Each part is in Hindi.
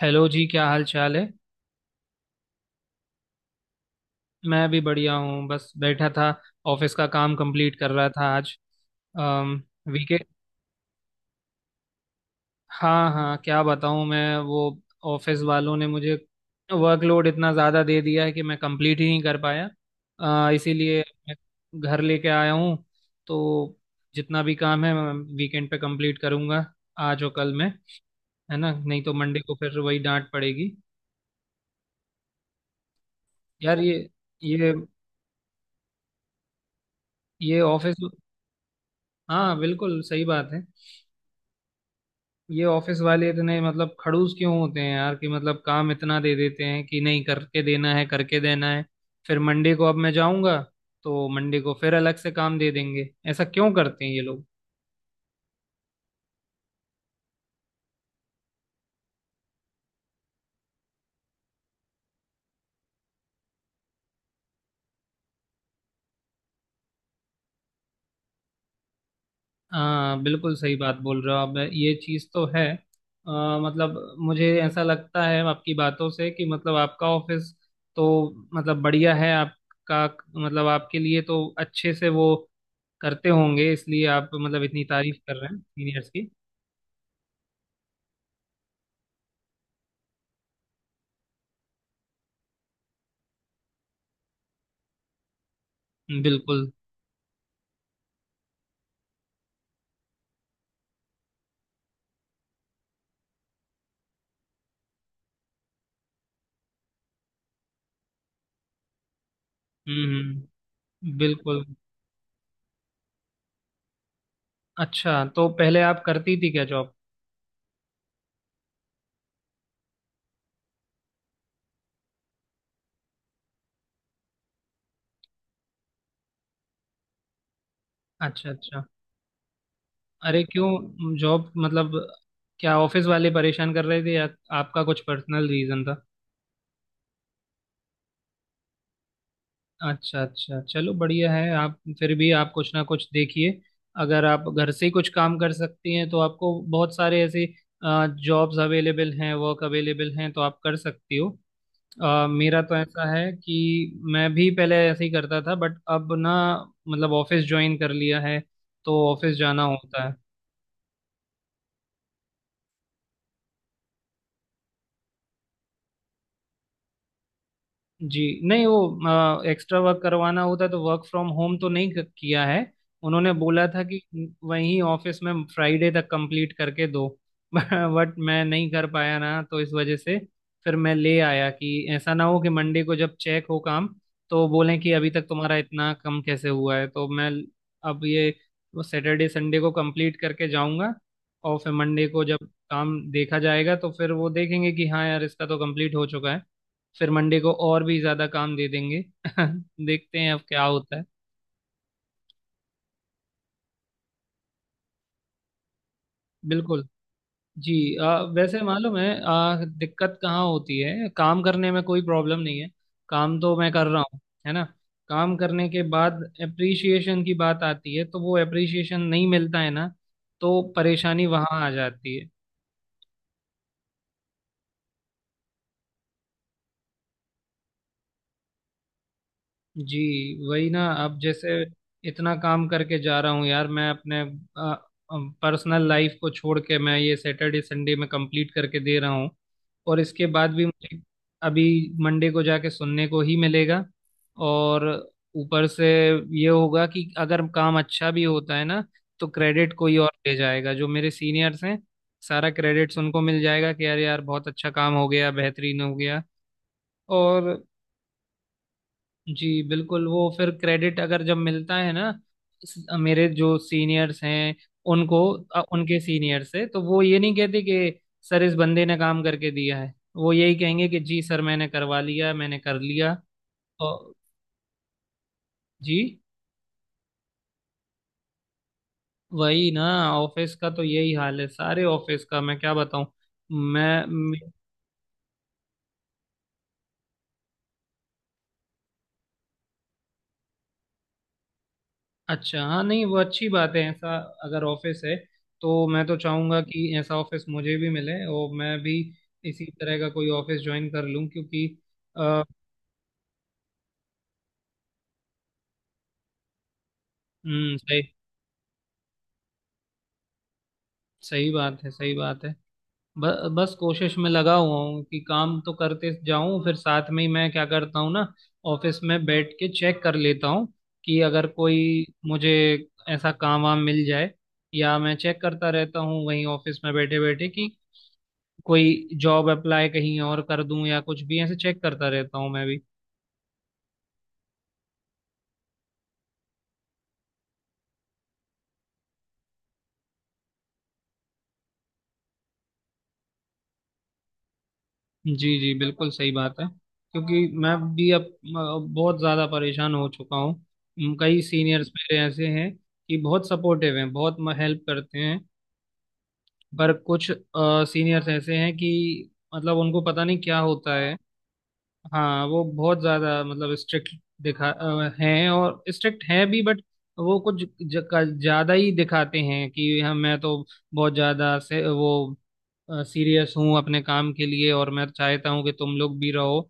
हेलो जी, क्या हाल चाल है। मैं भी बढ़िया हूँ, बस बैठा था। ऑफिस का काम कंप्लीट कर रहा था आज। वीकेंड, हाँ हाँ, क्या बताऊँ। मैं वो ऑफिस वालों ने मुझे वर्कलोड इतना ज़्यादा दे दिया है कि मैं कंप्लीट ही नहीं कर पाया, इसीलिए मैं घर लेके आया हूँ। तो जितना भी काम है मैं वीकेंड पे कंप्लीट करूँगा, आज और कल में। है ना, नहीं तो मंडे को फिर वही डांट पड़ेगी। यार ये ये ऑफिस, हाँ बिल्कुल सही बात है। ये ऑफिस वाले इतने मतलब खड़ूस क्यों होते हैं यार, कि मतलब काम इतना दे देते हैं कि नहीं, करके देना है, करके देना है। फिर मंडे को अब मैं जाऊंगा तो मंडे को फिर अलग से काम दे देंगे। ऐसा क्यों करते हैं ये लोग। हाँ बिल्कुल सही बात बोल रहे हो आप, ये चीज़ तो है। अ, मतलब मुझे ऐसा लगता है आपकी बातों से कि मतलब आपका ऑफिस तो मतलब बढ़िया है आपका। मतलब आपके लिए तो अच्छे से वो करते होंगे, इसलिए आप मतलब इतनी तारीफ कर रहे हैं सीनियर्स की। बिल्कुल। हम्म। बिल्कुल। अच्छा, तो पहले आप करती थी क्या जॉब। अच्छा अच्छा। अरे क्यों, जॉब मतलब क्या ऑफिस वाले परेशान कर रहे थे या आपका कुछ पर्सनल रीजन था। अच्छा अच्छा, चलो बढ़िया है, आप फिर भी आप कुछ ना कुछ देखिए। अगर आप घर से ही कुछ काम कर सकती हैं तो आपको बहुत सारे ऐसे जॉब्स अवेलेबल हैं, वर्क अवेलेबल हैं, तो आप कर सकती हो। मेरा तो ऐसा है कि मैं भी पहले ऐसे ही करता था, बट अब ना मतलब ऑफिस ज्वाइन कर लिया है तो ऑफिस जाना होता है। जी नहीं, वो एक्स्ट्रा वर्क करवाना होता तो वर्क फ्रॉम होम तो नहीं किया है। उन्होंने बोला था कि वहीं ऑफिस में फ्राइडे तक कंप्लीट करके दो। बट मैं नहीं कर पाया ना, तो इस वजह से फिर मैं ले आया कि ऐसा ना हो कि मंडे को जब चेक हो काम तो बोलें कि अभी तक तुम्हारा इतना कम कैसे हुआ है। तो मैं अब ये सैटरडे संडे को कंप्लीट करके जाऊंगा, और फिर मंडे को जब काम देखा जाएगा तो फिर वो देखेंगे कि हाँ यार इसका तो कंप्लीट हो चुका है, फिर मंडे को और भी ज्यादा काम दे देंगे। देखते हैं अब क्या होता है। बिल्कुल। जी, वैसे मालूम है दिक्कत कहाँ होती है। काम करने में कोई प्रॉब्लम नहीं है, काम तो मैं कर रहा हूँ, है ना। काम करने के बाद एप्रिसिएशन की बात आती है तो वो एप्रिसिएशन नहीं मिलता है ना, तो परेशानी वहाँ आ जाती है। जी वही ना। अब जैसे इतना काम करके जा रहा हूँ यार मैं, अपने पर्सनल लाइफ को छोड़ के मैं ये सैटरडे संडे में कंप्लीट करके दे रहा हूँ, और इसके बाद भी मुझे अभी मंडे को जाके सुनने को ही मिलेगा। और ऊपर से ये होगा कि अगर काम अच्छा भी होता है ना तो क्रेडिट कोई और ले जाएगा, जो मेरे सीनियर्स हैं, सारा क्रेडिट्स उनको मिल जाएगा कि यार यार बहुत अच्छा काम हो गया, बेहतरीन हो गया। और जी बिल्कुल, वो फिर क्रेडिट अगर जब मिलता है ना, मेरे जो सीनियर्स हैं उनको, उनके सीनियर से तो वो ये नहीं कहते कि सर इस बंदे ने काम करके दिया है। वो यही कहेंगे कि जी सर मैंने करवा लिया, मैंने कर लिया। और जी वही ना, ऑफिस का तो यही हाल है, सारे ऑफिस का मैं क्या बताऊं मैं। अच्छा हाँ, नहीं वो अच्छी बात है। ऐसा अगर ऑफिस है तो मैं तो चाहूंगा कि ऐसा ऑफिस मुझे भी मिले और मैं भी इसी तरह का कोई ऑफिस ज्वाइन कर लूं, क्योंकि अ, सही। सही बात है, सही बात है। ब, बस कोशिश में लगा हुआ हूँ कि काम तो करते जाऊं, फिर साथ में ही मैं क्या करता हूँ ना, ऑफिस में बैठ के चेक कर लेता हूँ कि अगर कोई मुझे ऐसा काम वाम मिल जाए। या मैं चेक करता रहता हूँ वहीं ऑफिस में बैठे बैठे कि कोई जॉब अप्लाई कहीं और कर दूं, या कुछ भी ऐसे चेक करता रहता हूँ मैं भी। जी जी बिल्कुल सही बात है, क्योंकि मैं भी अब बहुत ज़्यादा परेशान हो चुका हूँ। कई सीनियर्स मेरे ऐसे हैं कि बहुत सपोर्टिव हैं, बहुत हेल्प करते हैं। पर कुछ सीनियर्स ऐसे हैं कि मतलब उनको पता नहीं क्या होता है। हाँ वो बहुत ज्यादा मतलब स्ट्रिक्ट दिखा हैं, और स्ट्रिक्ट हैं भी, बट वो कुछ ज्यादा ही दिखाते हैं कि हम मैं तो बहुत ज्यादा से वो सीरियस हूँ अपने काम के लिए और मैं चाहता हूँ कि तुम लोग भी रहो।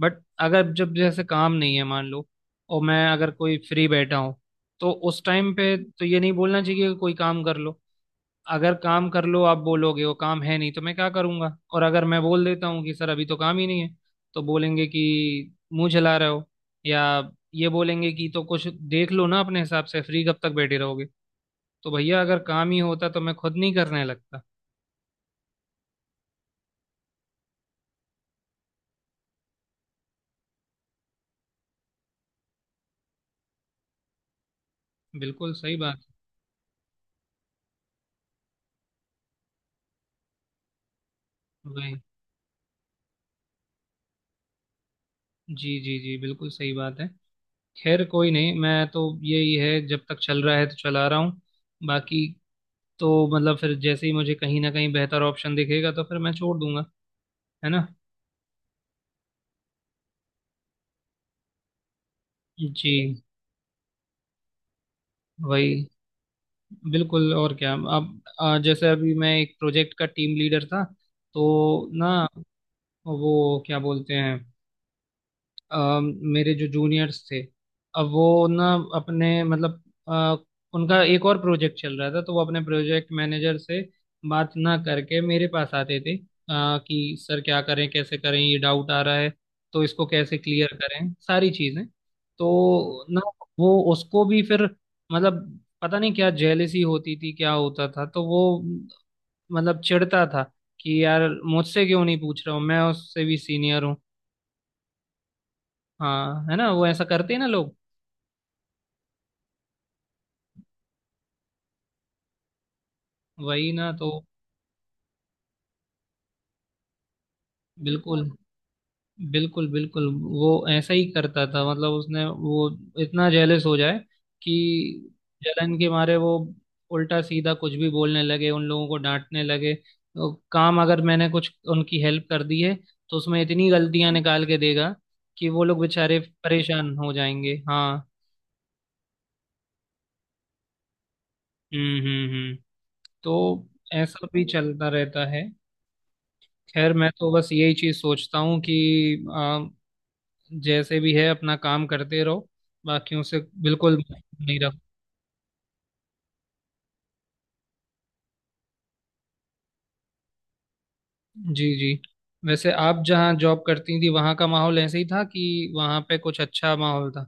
बट अगर जब जैसे काम नहीं है मान लो, और मैं अगर कोई फ्री बैठा हूँ, तो उस टाइम पे तो ये नहीं बोलना चाहिए कि कोई काम कर लो। अगर काम कर लो आप बोलोगे, वो काम है नहीं, तो मैं क्या करूंगा। और अगर मैं बोल देता हूँ कि सर अभी तो काम ही नहीं है, तो बोलेंगे कि मुंह चला रहे हो, या ये बोलेंगे कि तो कुछ देख लो ना अपने हिसाब से, फ्री कब तक बैठे रहोगे। तो भैया अगर काम ही होता तो मैं खुद नहीं करने लगता। बिल्कुल सही बात है। वही जी जी जी बिल्कुल सही बात है। खैर कोई नहीं, मैं तो यही है जब तक चल रहा है तो चला रहा हूँ, बाकी तो मतलब फिर जैसे ही मुझे कहीं ना कहीं बेहतर ऑप्शन दिखेगा तो फिर मैं छोड़ दूंगा, है ना। जी वही बिल्कुल और क्या। अब जैसे अभी मैं एक प्रोजेक्ट का टीम लीडर था तो ना, वो क्या बोलते हैं, अ, मेरे जो जूनियर्स थे, अब वो ना अपने मतलब अ, उनका एक और प्रोजेक्ट चल रहा था, तो वो अपने प्रोजेक्ट मैनेजर से बात ना करके मेरे पास आते थे कि सर क्या करें, कैसे करें, ये डाउट आ रहा है, तो इसको कैसे क्लियर करें, सारी चीजें। तो ना वो उसको भी फिर मतलब पता नहीं क्या जेलेसी होती थी, क्या होता था, तो वो मतलब चिढ़ता था कि यार मुझसे क्यों नहीं पूछ रहा हूँ, मैं उससे भी सीनियर हूँ। हाँ है ना, वो ऐसा करते हैं ना लोग। वही ना, तो बिल्कुल बिल्कुल बिल्कुल, वो ऐसा ही करता था। मतलब उसने वो इतना जेलस हो जाए कि जलन के मारे वो उल्टा सीधा कुछ भी बोलने लगे, उन लोगों को डांटने लगे, तो काम अगर मैंने कुछ उनकी हेल्प कर दी है तो उसमें इतनी गलतियां निकाल के देगा कि वो लोग बेचारे परेशान हो जाएंगे। हाँ। हम्म। तो ऐसा भी चलता रहता है। खैर मैं तो बस यही चीज सोचता हूँ कि जैसे भी है अपना काम करते रहो, बाकियों से बिल्कुल नहीं रहो। जी जी, वैसे आप जहाँ जॉब करती थी वहाँ का माहौल ऐसे ही था कि वहाँ पे कुछ अच्छा माहौल था।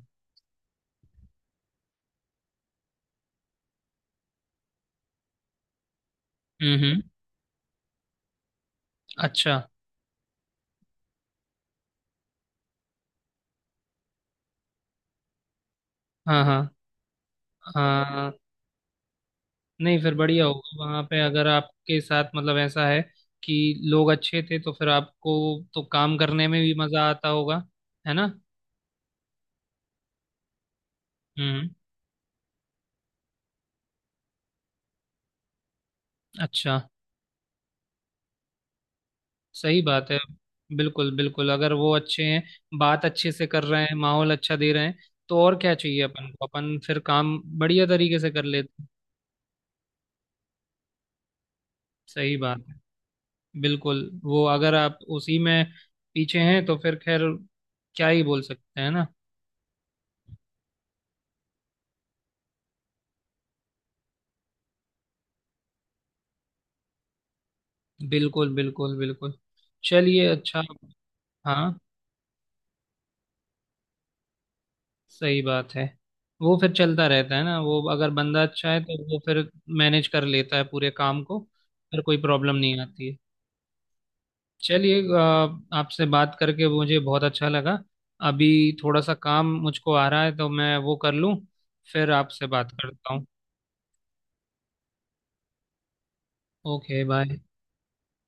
हम्म। अच्छा। हाँ हाँ। हाँ नहीं, फिर बढ़िया होगा वहाँ पे, अगर आपके साथ मतलब ऐसा है कि लोग अच्छे थे तो फिर आपको तो काम करने में भी मजा आता होगा, है ना। हम्म अच्छा। सही बात है। बिल्कुल बिल्कुल, अगर वो अच्छे हैं, बात अच्छे से कर रहे हैं, माहौल अच्छा दे रहे हैं, तो और क्या चाहिए अपन को, अपन फिर काम बढ़िया तरीके से कर लेते हैं। सही बात है। बिल्कुल वो अगर आप उसी में पीछे हैं तो फिर खैर क्या ही बोल सकते हैं ना। बिल्कुल बिल्कुल बिल्कुल। चलिए अच्छा। हाँ सही बात है, वो फिर चलता रहता है ना। वो अगर बंदा अच्छा है तो वो फिर मैनेज कर लेता है पूरे काम को, फिर कोई प्रॉब्लम नहीं आती है। चलिए आपसे बात करके मुझे बहुत अच्छा लगा। अभी थोड़ा सा काम मुझको आ रहा है तो मैं वो कर लूँ, फिर आपसे बात करता हूँ। Okay bye.